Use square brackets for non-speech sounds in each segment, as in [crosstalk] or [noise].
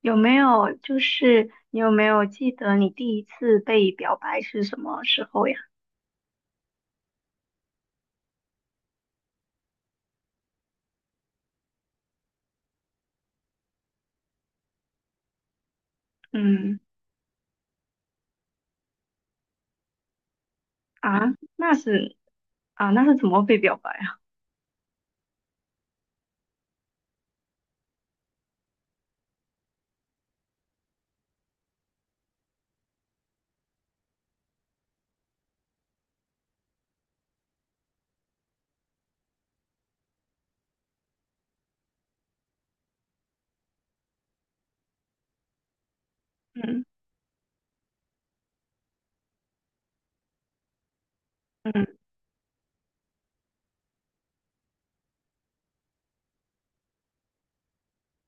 有没有就是你有没有记得你第一次被表白是什么时候呀？嗯啊，那是啊，那是怎么被表白啊？嗯嗯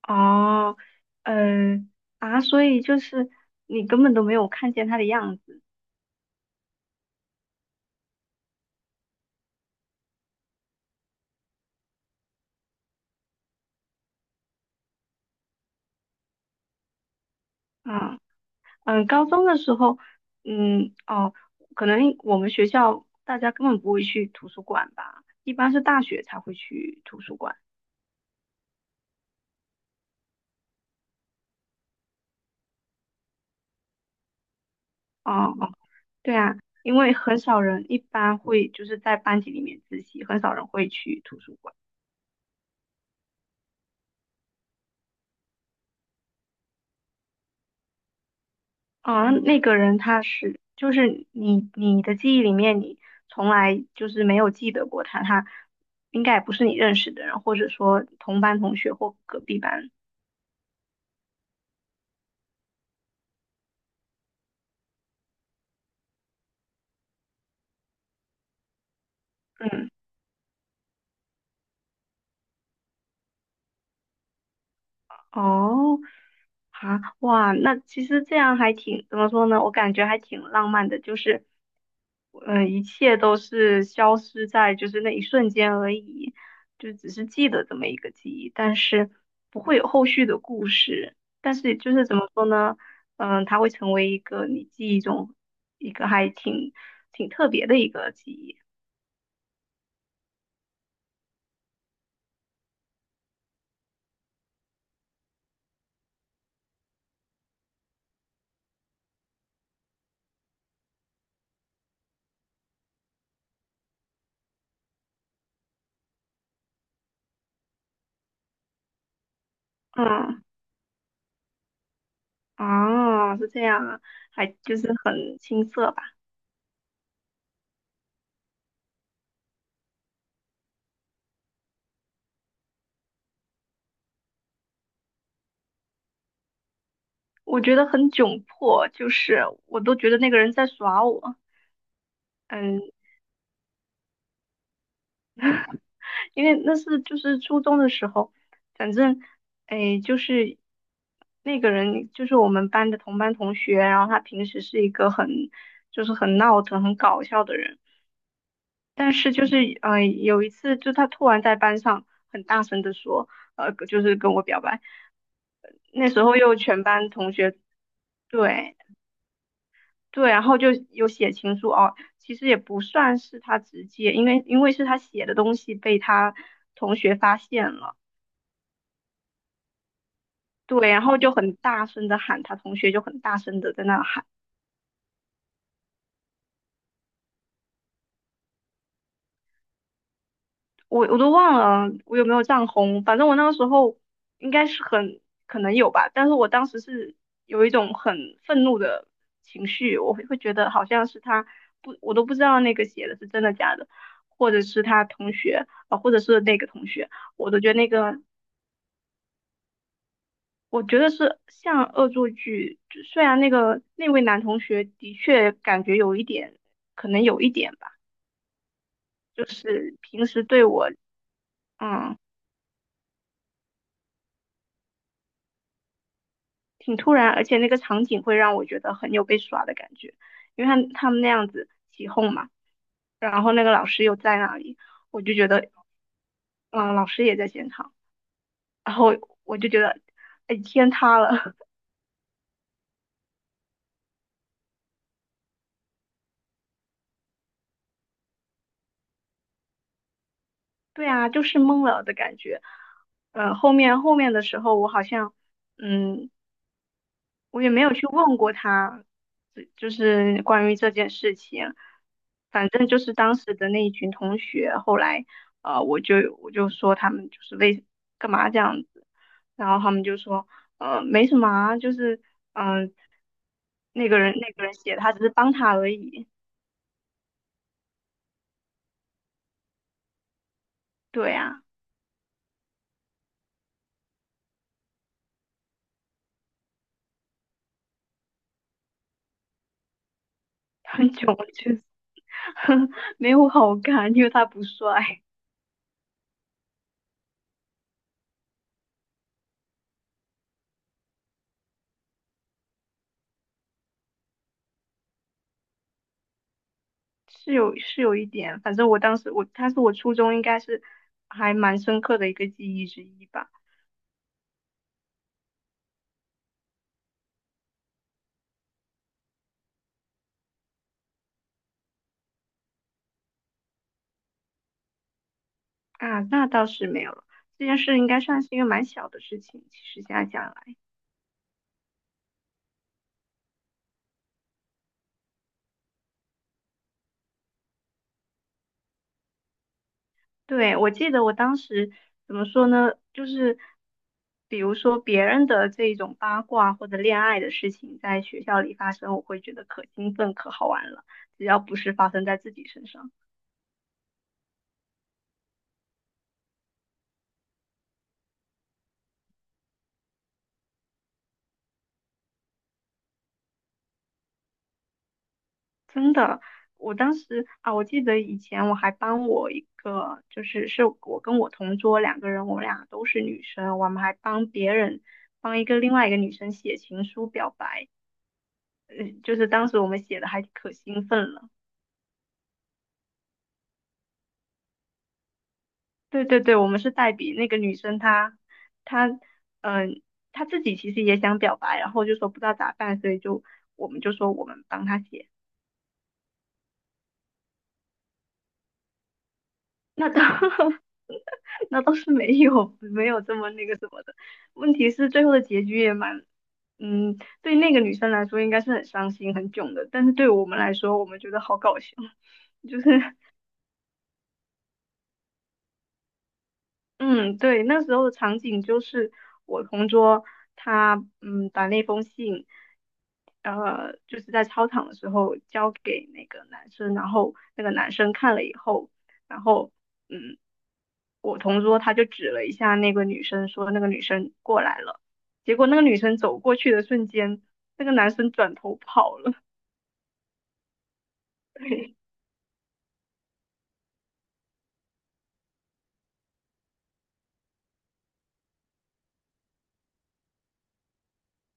哦，呃啊，所以就是你根本都没有看见他的样子啊。嗯，高中的时候，嗯哦，可能我们学校大家根本不会去图书馆吧，一般是大学才会去图书馆。哦对啊，因为很少人一般会就是在班级里面自习，很少人会去图书馆。嗯，那个人他是，就是你的记忆里面，你从来就是没有记得过他，他应该也不是你认识的人，或者说同班同学或隔壁班。嗯。哦，啊，哇，那其实这样还挺，怎么说呢？我感觉还挺浪漫的，就是，嗯，一切都是消失在就是那一瞬间而已，就只是记得这么一个记忆，但是不会有后续的故事。但是就是怎么说呢？嗯、它会成为一个你记忆中一个挺特别的一个记忆。嗯，啊，是这样啊，还就是很青涩吧。我觉得很窘迫，就是我都觉得那个人在耍我，嗯，因为那是就是初中的时候，反正，哎，就是那个人就是我们班的同班同学，然后他平时是一个很就是很闹腾、很搞笑的人，但是就是嗯，有一次就他突然在班上很大声的说，就是跟我表白，那时候又全班同学。对，对，然后就有写情书哦，其实也不算是他直接，因为是他写的东西被他同学发现了，对，然后就很大声的喊他同学，就很大声的在那喊，我都忘了我有没有涨红，反正我那个时候应该是很可能有吧，但是我当时是有一种很愤怒的情绪，我会觉得好像是他不，我都不知道那个写的是真的假的，或者是他同学啊、或者是那个同学。我都觉得那个我觉得是像恶作剧，就虽然那个那位男同学的确感觉有一点，可能有一点吧，就是平时对我，嗯，挺突然，而且那个场景会让我觉得很有被耍的感觉，因为他们那样子起哄嘛，然后那个老师又在那里，我就觉得，嗯，老师也在现场，然后我就觉得，哎，天塌了，[laughs] 对啊，就是懵了的感觉，后面的时候我好像。嗯，我也没有去问过他，就是关于这件事情。反正就是当时的那一群同学，后来呃，我就我就说他们就是为干嘛这样子，然后他们就说没什么啊，就是嗯、呃那个人写的，他只是帮他而已。对啊，很囧，就是 [laughs] 没有好看，因为他不帅，是有是有一点。反正我当时我他是我初中应该是还蛮深刻的一个记忆之一吧。啊，那倒是没有了。这件事应该算是一个蛮小的事情，其实现在想来，对，我记得我当时怎么说呢？就是比如说别人的这种八卦或者恋爱的事情在学校里发生，我会觉得可兴奋、可好玩了。只要不是发生在自己身上，真的，我当时啊，我记得以前我还帮我一个，就是是我跟我同桌两个人，我们俩都是女生，我们还帮别人帮一个另外一个女生写情书表白。嗯，就是当时我们写的还可兴奋了。对对对，我们是代笔，那个女生她嗯、她自己其实也想表白，然后就说不知道咋办，所以就我们就说我们帮她写。那倒 [laughs] 那倒是没有没有这么那个什么的。问题是最后的结局也蛮嗯，对那个女生来说应该是很伤心很囧的，但是对我们来说，我们觉得好搞笑，[laughs] 就是嗯，对，那时候的场景就是我同桌他把那封信，就是在操场的时候交给那个男生，然后那个男生看了以后，然后嗯，我同桌他就指了一下那个女生，说那个女生过来了，结果那个女生走过去的瞬间，那个男生转头跑了，[laughs]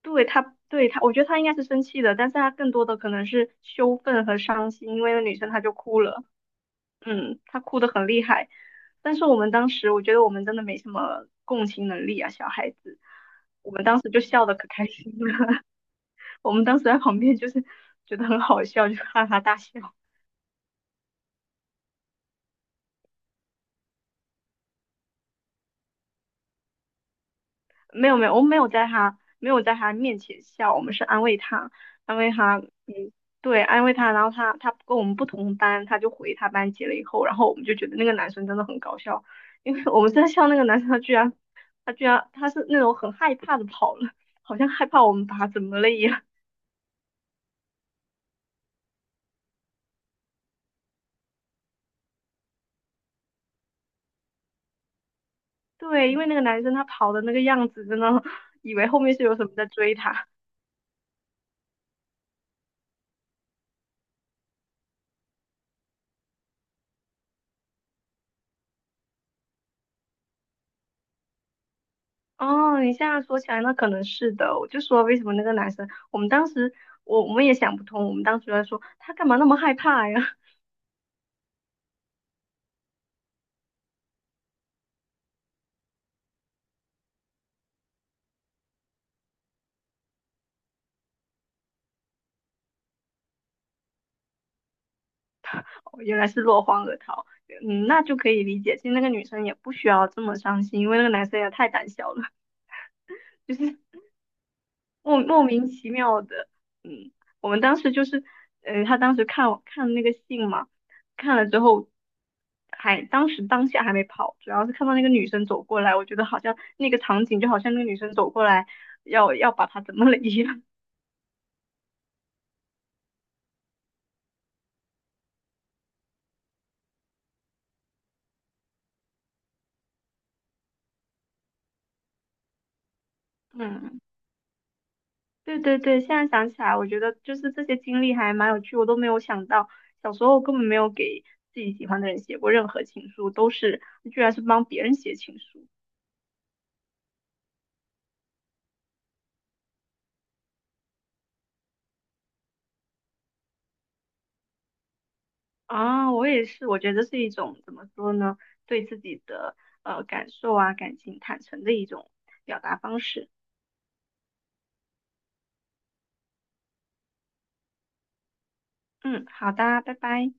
对他，对他，我觉得他应该是生气的，但是他更多的可能是羞愤和伤心，因为那女生她就哭了，嗯，她哭的很厉害。但是我们当时，我觉得我们真的没什么共情能力啊，小孩子，我们当时就笑的可开心了，[laughs] 我们当时在旁边就是觉得很好笑，就哈哈大笑。没有没有，我没有在他没有在他面前笑，我们是安慰他，安慰他，嗯，对，安慰他。然后他他跟我们不同班，他就回他班级了以后，然后我们就觉得那个男生真的很搞笑，因为我们在笑那个男生，他居然他是那种很害怕的跑了，好像害怕我们把他怎么了一样。[laughs] 对，因为那个男生他跑的那个样子，真的以为后面是有什么在追他。哦，你现在说起来，那可能是的。我就说为什么那个男生，我们当时我们也想不通，我们当时在说他干嘛那么害怕呀？[laughs] 哦原来是落荒而逃。嗯，那就可以理解。其实那个女生也不需要这么伤心，因为那个男生也太胆小了，[laughs] 就是莫名其妙的，嗯，我们当时就是，嗯，他当时看我看那个信嘛，看了之后，还当时当下还没跑，主要是看到那个女生走过来，我觉得好像那个场景就好像那个女生走过来要把他怎么了一样，[laughs] 嗯，对对对，现在想起来，我觉得就是这些经历还蛮有趣，我都没有想到，小时候根本没有给自己喜欢的人写过任何情书，都是居然是帮别人写情书。啊，我也是，我觉得是一种怎么说呢，对自己的感受啊、感情坦诚的一种表达方式。嗯，好的，拜拜。